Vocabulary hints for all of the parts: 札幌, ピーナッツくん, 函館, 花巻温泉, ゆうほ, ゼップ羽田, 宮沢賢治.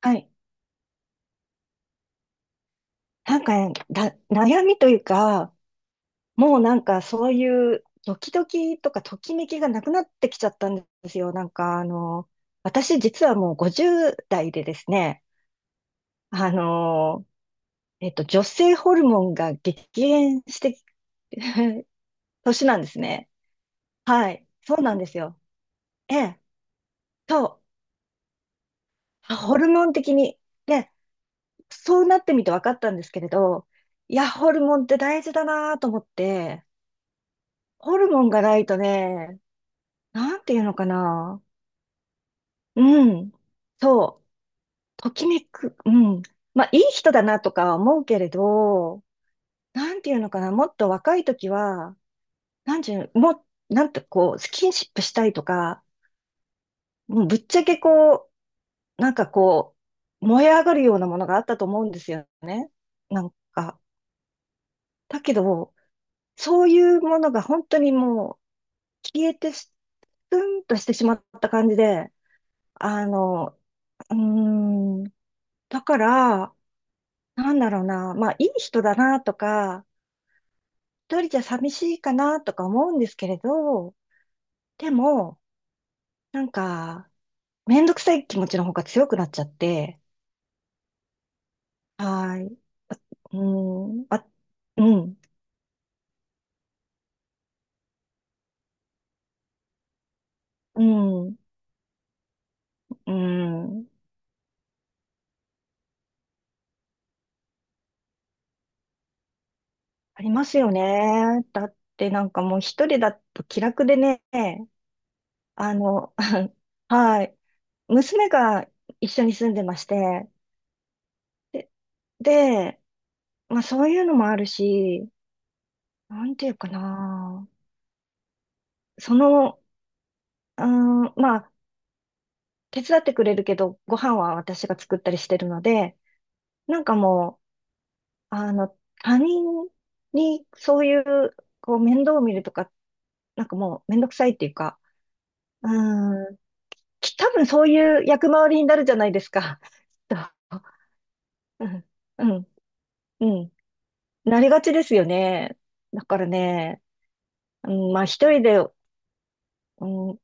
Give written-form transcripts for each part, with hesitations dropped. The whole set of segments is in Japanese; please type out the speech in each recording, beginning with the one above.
はい。悩みというか、もうなんかそういうドキドキとかときめきがなくなってきちゃったんですよ。私実はもう50代でですね、あの、女性ホルモンが激減して 年なんですね。はい。そうなんですよ。ええ。そう。ホルモン的に。で、そうなってみて分かったんですけれど、いや、ホルモンって大事だなと思って、ホルモンがないとね、なんていうのかな。うん。そう。ときめく。うん。まあ、いい人だなとかは思うけれど、なんていうのかな。もっと若い時は、なんていうもう、なんてこう、スキンシップしたいとか、もうぶっちゃけこう、なんかこう、燃え上がるようなものがあったと思うんですよね。なんか。だけど、そういうものが本当にもう消えて、スンとしてしまった感じで、あの、うーん、だから、なんだろうな、まあ、いい人だなとか、一人じゃ寂しいかなとか思うんですけれど、でも、なんか、めんどくさい気持ちの方が強くなっちゃって、はーい。あうん、あ、うん、うん、うん。ありますよね。だってなんかもう一人だと気楽でね、あの、はい。娘が一緒に住んでまして、で、で、まあそういうのもあるし、なんていうかな。その、うーん、まあ、手伝ってくれるけど、ご飯は私が作ったりしてるので、なんかもう、あの、他人にそういう、こう、面倒を見るとか、なんかもう、面倒くさいっていうか、うーん、多分そういう役回りになるじゃないですか。きっとうん、うん、うん。なりがちですよね。だからね、うん、まあ、一人で、うん、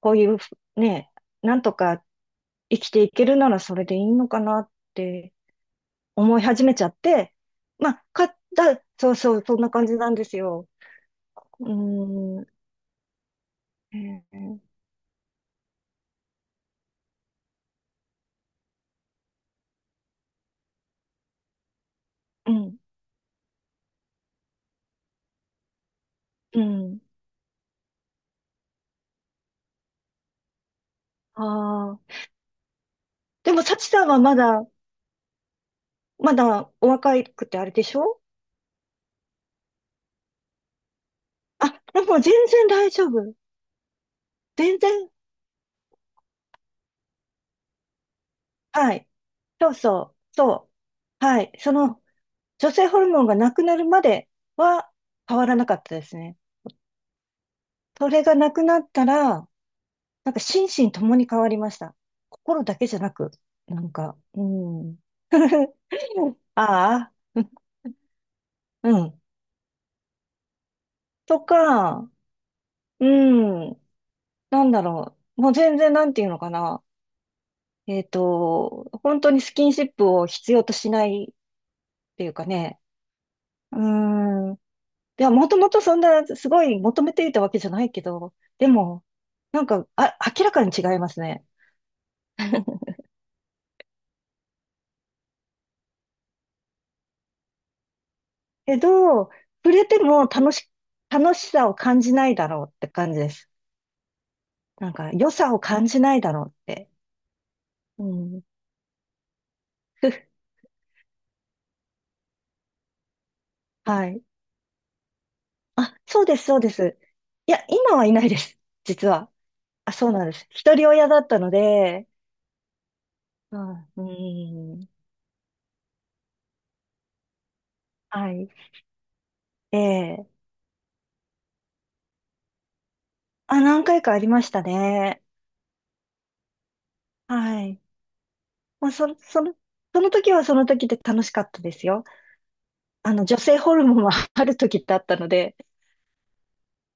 こういう、ね、なんとか生きていけるならそれでいいのかなって、思い始めちゃって、まあ、買った、そうそう、そんな感じなんですよ。うーん、えーうん、うん。ああ。でも、幸さんはまだ、まだお若くてあれでしょ。あ、でも全然大丈夫。全然、はい。そうそう、そう。はい。その、女性ホルモンがなくなるまでは変わらなかったですね。それがなくなったら、なんか心身ともに変わりました。心だけじゃなく、なんか、うん。ああ、うん。とか、うん、なんだろう。もう全然なんていうのかな。えっと、本当にスキンシップを必要としないっていうかね。うーん。いや、もともとそんなすごい求めていたわけじゃないけど、でも、なんか、あ、明らかに違いますね。けど、触れても、楽しさを感じないだろうって感じです。なんか、良さを感じないだろうって。うん。はい。あ、そうです、そうです。いや、今はいないです、実は。あ、そうなんです。一人親だったので、うん、うん、はい。ええ。あ、何回かありましたね。はい。まあ、そ、その、その時はその時で楽しかったですよ。あの、女性ホルモンは ある時ってあったので、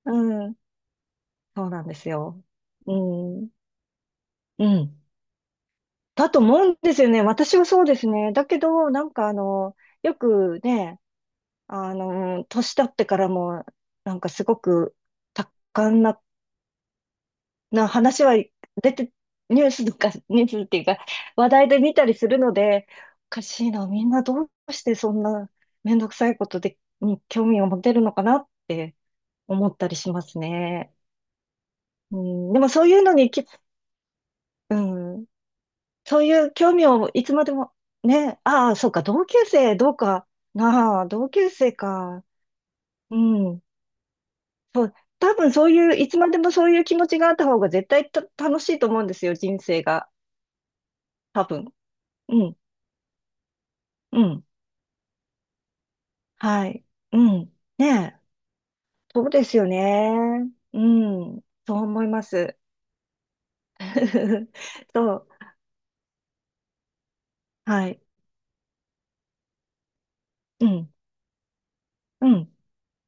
うん、そうなんですよ。うん、うん。だと思うんですよね。私はそうですね。だけど、なんかあの、よくね、あの、年取ってからも、なんかすごく多感な話は出て、ニュースとか、ニュースっていうか、話題で見たりするので、おかしいな、みんなどうしてそんなめんどくさいことで、に興味を持てるのかなって思ったりしますね。うん、でもそういうのにき、うん、そういう興味をいつまでも、ね、ああ、そうか、同級生か。うん。そう、多分そういう、いつまでもそういう気持ちがあった方が絶対た楽しいと思うんですよ、人生が。多分。うん、うん、はい、うん。ねえ、そうですよね。うん、そう思います。そう、はい、うん、うん、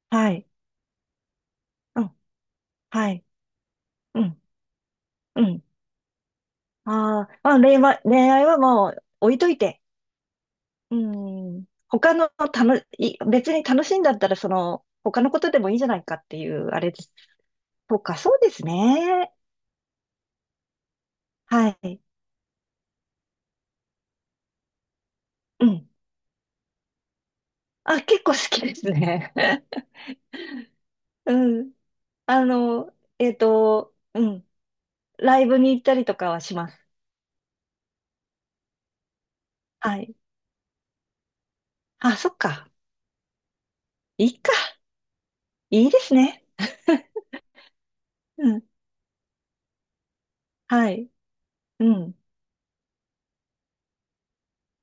はい、うん、はい、うん、うん。あーまあ、恋愛はもう置いといて。うん、他の楽、い別に楽しいんだったら、その、他のことでもいいんじゃないかっていう、あれです。とか、そうですね。はい。うん。あ、結構好きですね。うん。うん。ライブに行ったりとかはします。はい。あ、そっか。いいか。いいですね。うん。はい。うん。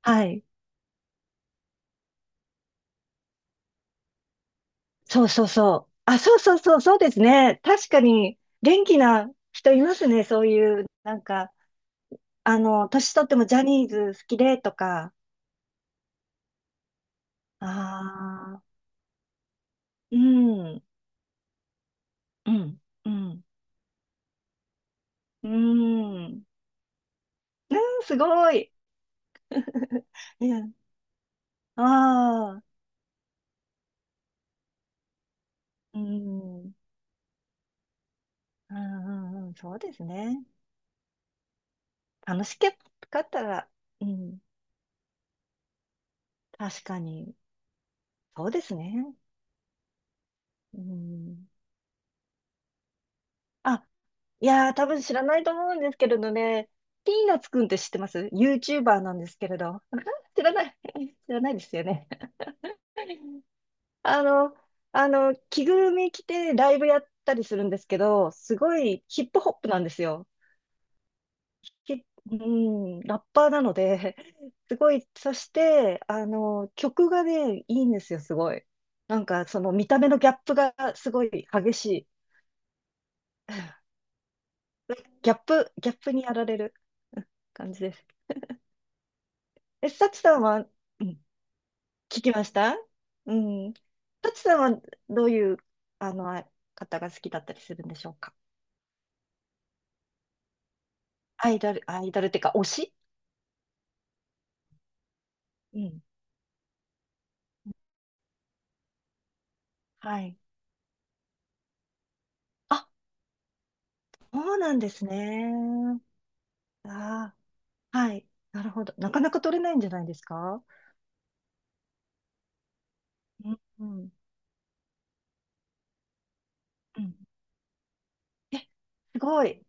はい。そうですね。確かに、元気な人いますね。そういう、なんか、あの、年取ってもジャニーズ好きでとか。ああ、うん、うん、うん。うーん。うんすごい。うん。ああ、うん。うんうんうん。そうですね。楽しかったら、うん。確かに。そうですね。うん。あ、いやー、多分知らないと思うんですけれどね。ピーナッツくんって知ってます？ YouTuber なんですけれど。知らない。知らないですよね。あの、あの、着ぐるみ着てライブやったりするんですけど、すごいヒップホップなんですよ。き、うん、ラッパーなので、すごい、そして、あの、曲がね、いいんですよ、すごい。なんか、その見た目のギャップがすごい激しい。ギャップにやられる感じです。え、サチさんは、うん、聞きました。うん。サチさんはどういう、あの、方が好きだったりするんでしょうか。アイドル、アイドルっていうか、推し。うん。はい。あ、そうなんですね。ああ。はい。なるほど。なかなか取れないんじゃないですか。うん。うんうんえ、すごい。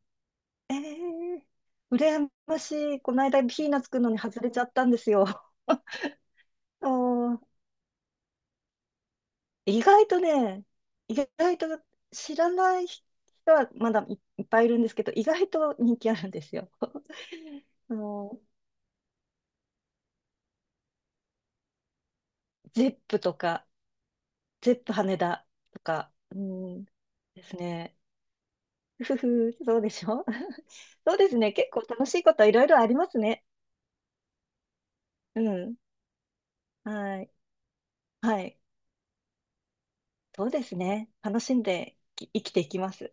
えー、羨ましい。この間ピーナッツくんのに外れちゃったんですよ。おー、意外とね、意外と知らない人はまだい、いっぱいいるんですけど、意外と人気あるんですよ。あの、ゼップとか、ゼップ羽田とか、うん、ですね。ふふ、そうでしょ。 そうですね。結構楽しいこといろいろありますね。うん。はい。はい。そうですね。楽しんで生きていきます。